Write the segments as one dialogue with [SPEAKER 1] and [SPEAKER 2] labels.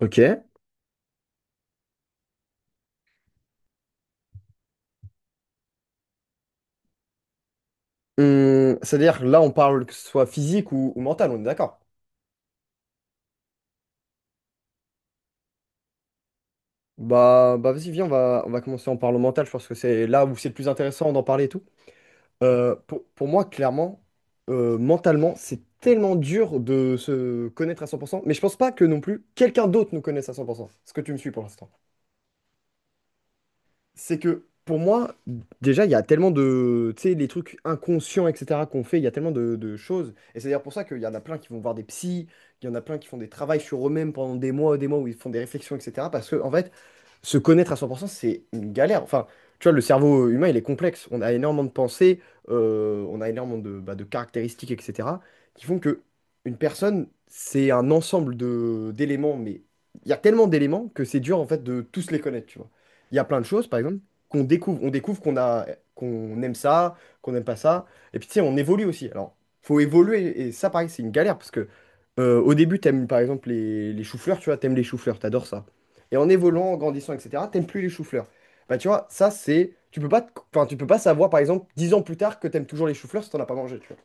[SPEAKER 1] Ok. C'est-à-dire, là, on parle que ce soit physique ou mental, on est d'accord? Bah, vas-y, viens, on va commencer en parlant mental. Je pense que c'est là où c'est le plus intéressant d'en parler et tout. Pour moi, clairement, mentalement, c'est tellement dur de se connaître à 100%, mais je pense pas que non plus quelqu'un d'autre nous connaisse à 100%. Est-ce que tu me suis pour l'instant? C'est que pour moi, déjà, il y a tellement de, tu sais, les trucs inconscients, etc., qu'on fait, il y a tellement de choses. Et c'est d'ailleurs pour ça qu'il y en a plein qui vont voir des psys, il y en a plein qui font des travaux sur eux-mêmes pendant des mois et des mois où ils font des réflexions, etc. Parce que, en fait, se connaître à 100%, c'est une galère. Enfin, tu vois, le cerveau humain, il est complexe. On a énormément de pensées, on a énormément de, bah, de caractéristiques, etc., qui font que une personne, c'est un ensemble de d'éléments, mais il y a tellement d'éléments que c'est dur, en fait, de tous les connaître, tu vois. Il y a plein de choses, par exemple, qu'on découvre. On découvre qu'on a, qu'on aime ça, qu'on n'aime pas ça. Et puis, tu sais, on évolue aussi. Alors, faut évoluer. Et ça, pareil, c'est une galère, parce que au début, t'aimes, par exemple, les choux-fleurs, tu vois, t'aimes les choux-fleurs, t'adores ça. Et en évoluant, en grandissant, etc., t'aimes plus les choux-fleurs. Bah, tu vois, ça, c'est. Tu peux pas, enfin, tu peux pas savoir, par exemple, 10 ans plus tard que t'aimes toujours les choux-fleurs si t'en as pas mangé, tu vois.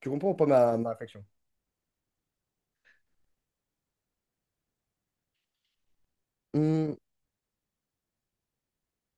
[SPEAKER 1] Tu comprends ou pas ma réflexion? Hum,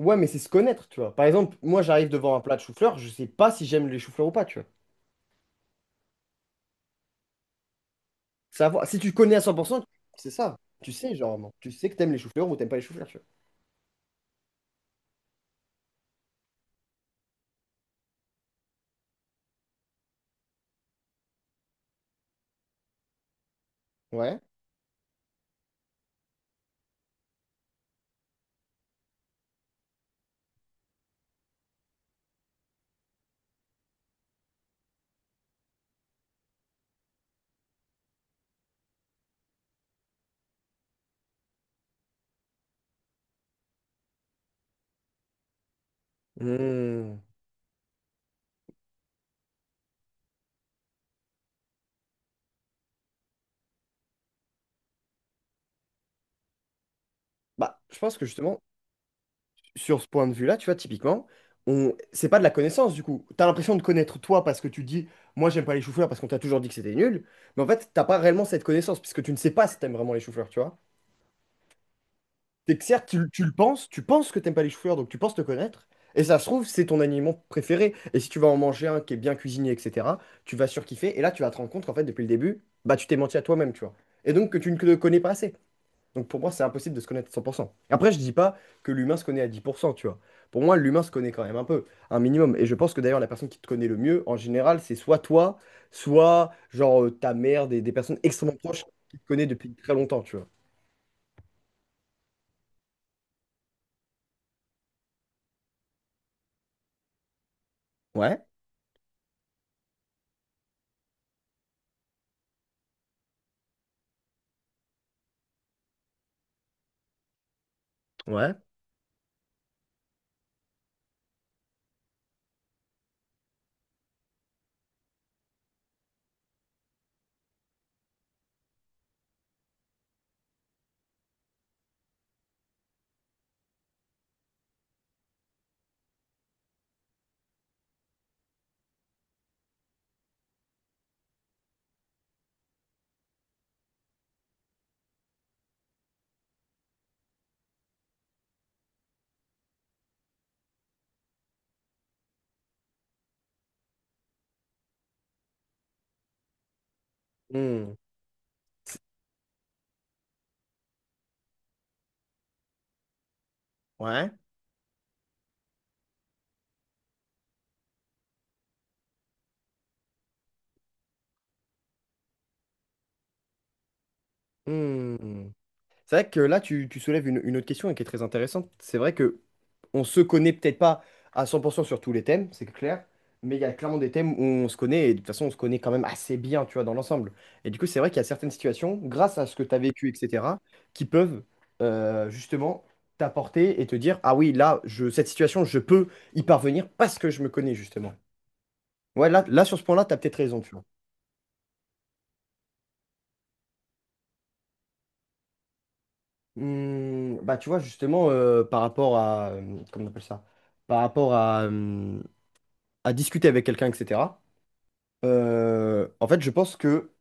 [SPEAKER 1] ouais, mais c'est se connaître, tu vois. Par exemple, moi, j'arrive devant un plat de choux-fleurs, je sais pas si j'aime les choux-fleurs ou pas, tu vois. Savoir, si tu connais à 100%, c'est ça. Tu sais, genre, tu sais que t'aimes les choux-fleurs ou t'aimes pas les choux-fleurs, tu vois. Ouais. Hum. Bah, je pense que justement, sur ce point de vue-là, tu vois, typiquement, c'est pas de la connaissance du coup. T'as l'impression de connaître toi parce que tu dis, moi j'aime pas les chou-fleurs parce qu'on t'a toujours dit que c'était nul, mais en fait, t'as pas réellement cette connaissance puisque tu ne sais pas si t'aimes vraiment les chou-fleurs, tu vois. C'est que certes, tu le penses, tu penses que t'aimes pas les chou-fleurs, donc tu penses te connaître, et ça se trouve, c'est ton aliment préféré. Et si tu vas en manger un qui est bien cuisiné, etc., tu vas surkiffer, et là, tu vas te rendre compte qu'en fait, depuis le début, bah tu t'es menti à toi-même, tu vois. Et donc que tu ne te connais pas assez. Donc pour moi, c'est impossible de se connaître à 100%. Et après, je dis pas que l'humain se connaît à 10%, tu vois. Pour moi, l'humain se connaît quand même un peu, un minimum. Et je pense que d'ailleurs, la personne qui te connaît le mieux, en général, c'est soit toi, soit genre ta mère, des personnes extrêmement proches qui te connaissent depuis très longtemps, tu vois. Ouais, ouais. Hmm, c'est- ouais. Hmm. C'est vrai que là, tu soulèves une autre question et qui est très intéressante. C'est vrai que on se connaît peut-être pas à 100% sur tous les thèmes, c'est clair, mais il y a clairement des thèmes où on se connaît, et de toute façon, on se connaît quand même assez bien, tu vois, dans l'ensemble. Et du coup, c'est vrai qu'il y a certaines situations, grâce à ce que tu as vécu, etc., qui peuvent justement t'apporter et te dire, ah oui, là, cette situation, je peux y parvenir parce que je me connais, justement. Ouais, là sur ce point-là, tu as peut-être raison, tu vois. Hmm, bah, tu vois, justement, par rapport à, comment on appelle ça? Par rapport à discuter avec quelqu'un, etc. En fait, je pense que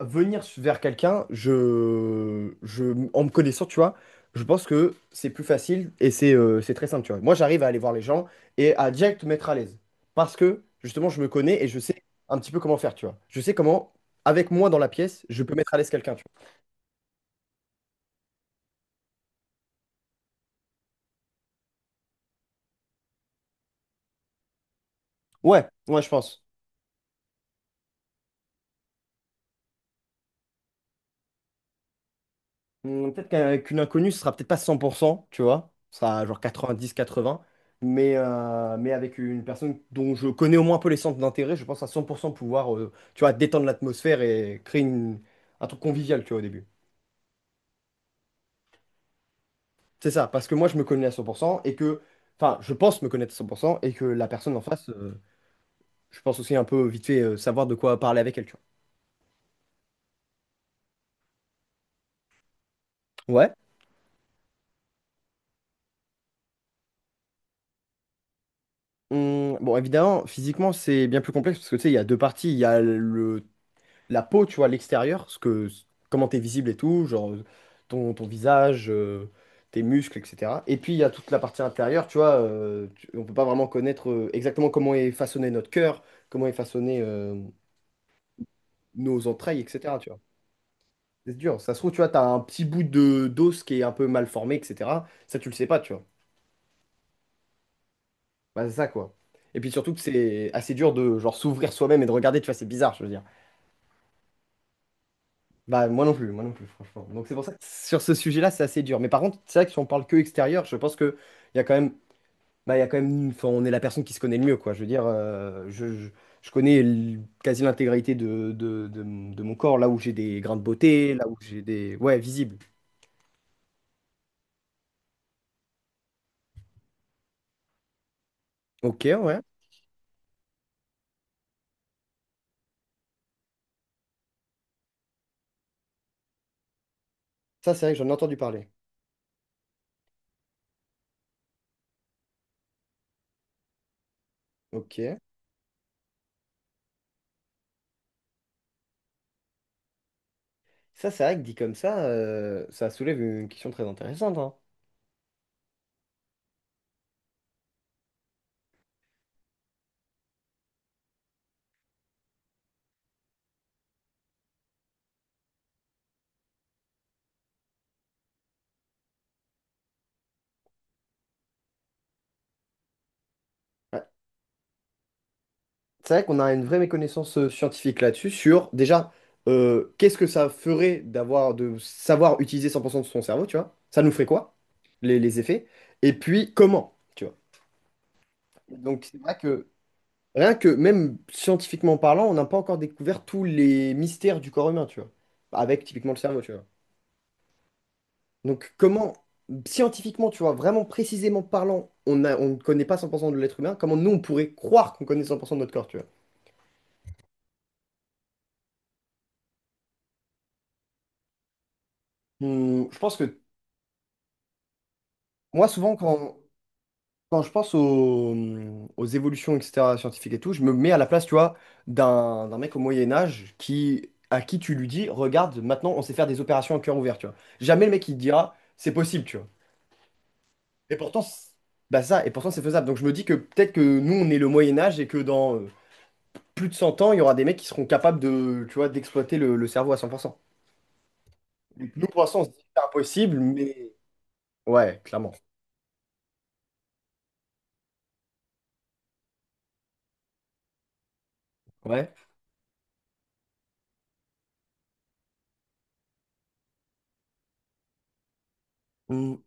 [SPEAKER 1] venir vers quelqu'un, en me connaissant, tu vois, je pense que c'est plus facile et c'est très simple, tu vois. Moi, j'arrive à aller voir les gens et à direct me mettre à l'aise. Parce que, justement, je me connais et je sais un petit peu comment faire, tu vois. Je sais comment, avec moi dans la pièce, je peux mettre à l'aise quelqu'un, tu vois. Ouais, ouais, je pense. Peut-être qu'une inconnue, ce sera peut-être pas 100%, tu vois. Ce sera genre 90-80. Mais avec une personne dont je connais au moins un peu les centres d'intérêt, je pense à 100% pouvoir, tu vois, détendre l'atmosphère et créer un truc convivial, tu vois, au début. C'est ça, parce que moi, je me connais à 100% et que, enfin, je pense me connaître à 100% et que la personne en face, je pense aussi un peu vite fait savoir de quoi parler avec elle, tu vois. Ouais. Bon, évidemment, physiquement, c'est bien plus complexe parce que, tu sais, il y a deux parties. Il y a le la peau, tu vois, l'extérieur, ce que, comment t'es visible et tout, genre ton, ton visage, tes muscles, etc. Et puis il y a toute la partie intérieure, tu vois, on peut pas vraiment connaître exactement comment est façonné notre cœur, comment est façonné nos entrailles, etc. Tu vois. C'est dur. Ça se trouve, tu vois, t'as un petit bout de d'os qui est un peu mal formé, etc. Ça, tu le sais pas, tu vois. Bah, c'est ça, quoi. Et puis surtout que c'est assez dur de genre s'ouvrir soi-même et de regarder, tu vois, c'est bizarre, je veux dire. Bah, moi non plus, franchement. Donc, c'est pour ça que sur ce sujet-là, c'est assez dur. Mais par contre, c'est vrai que si on parle que extérieur, je pense que il y a quand même, bah, il y a quand même, enfin, on est la personne qui se connaît le mieux, quoi. Je veux dire, je connais quasi l'intégralité de mon corps, là où j'ai des grains de beauté, là où j'ai des. Ouais, visible. Ok, ouais. Ça, c'est vrai que j'en ai entendu parler. Ok. Ça, c'est vrai que dit comme ça, ça soulève une question très intéressante, hein. C'est vrai qu'on a une vraie méconnaissance scientifique là-dessus, sur déjà qu'est-ce que ça ferait d'avoir de savoir utiliser 100% de son cerveau, tu vois? Ça nous ferait quoi? Les effets? Et puis comment, tu vois? Donc c'est vrai que rien que même scientifiquement parlant, on n'a pas encore découvert tous les mystères du corps humain, tu vois? Avec typiquement le cerveau, tu vois. Donc comment scientifiquement, tu vois, vraiment précisément parlant, on a, on ne connaît pas 100% de l'être humain, comment nous on pourrait croire qu'on connaît 100% de notre corps, tu vois? Hmm, je pense que moi souvent quand je pense aux évolutions, etc., scientifiques et tout, je me mets à la place, tu vois, d'un mec au Moyen Âge qui, à qui tu lui dis, regarde, maintenant on sait faire des opérations à cœur ouvert, tu vois. Jamais le mec il te dira, c'est possible, tu vois. Et pourtant, bah ça, et pourtant c'est faisable. Donc je me dis que peut-être que nous on est le Moyen Âge et que dans plus de 100 ans, il y aura des mecs qui seront capables de, tu vois, d'exploiter le cerveau à 100%. Donc, nous pour l'instant on se dit c'est impossible, mais ouais, clairement. Ouais. Mmh.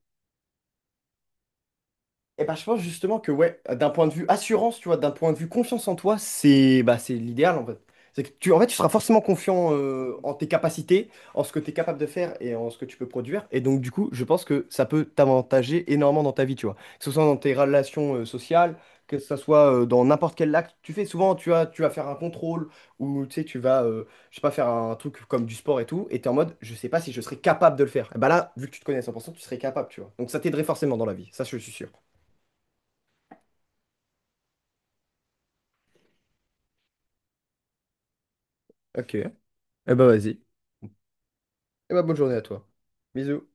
[SPEAKER 1] Et ben, je pense justement que ouais, d'un point de vue assurance, tu vois, d'un point de vue confiance en toi, c'est bah, c'est l'idéal en fait. C'est que tu, en fait, tu seras forcément confiant en tes capacités, en ce que tu es capable de faire et en ce que tu peux produire. Et donc, du coup, je pense que ça peut t'avantager énormément dans ta vie, tu vois. Que ce soit dans tes relations sociales, que ce soit dans n'importe quel acte, que tu fais souvent, tu vas faire un contrôle ou tu sais, tu vas, je sais pas, faire un truc comme du sport et tout. Et tu es en mode, je sais pas si je serais capable de le faire. Et bah là, vu que tu te connais à 100%, tu serais capable, tu vois. Donc, ça t'aiderait forcément dans la vie. Ça, je suis sûr. Ok. Eh ben vas-y. Eh ben bonne journée à toi. Bisous.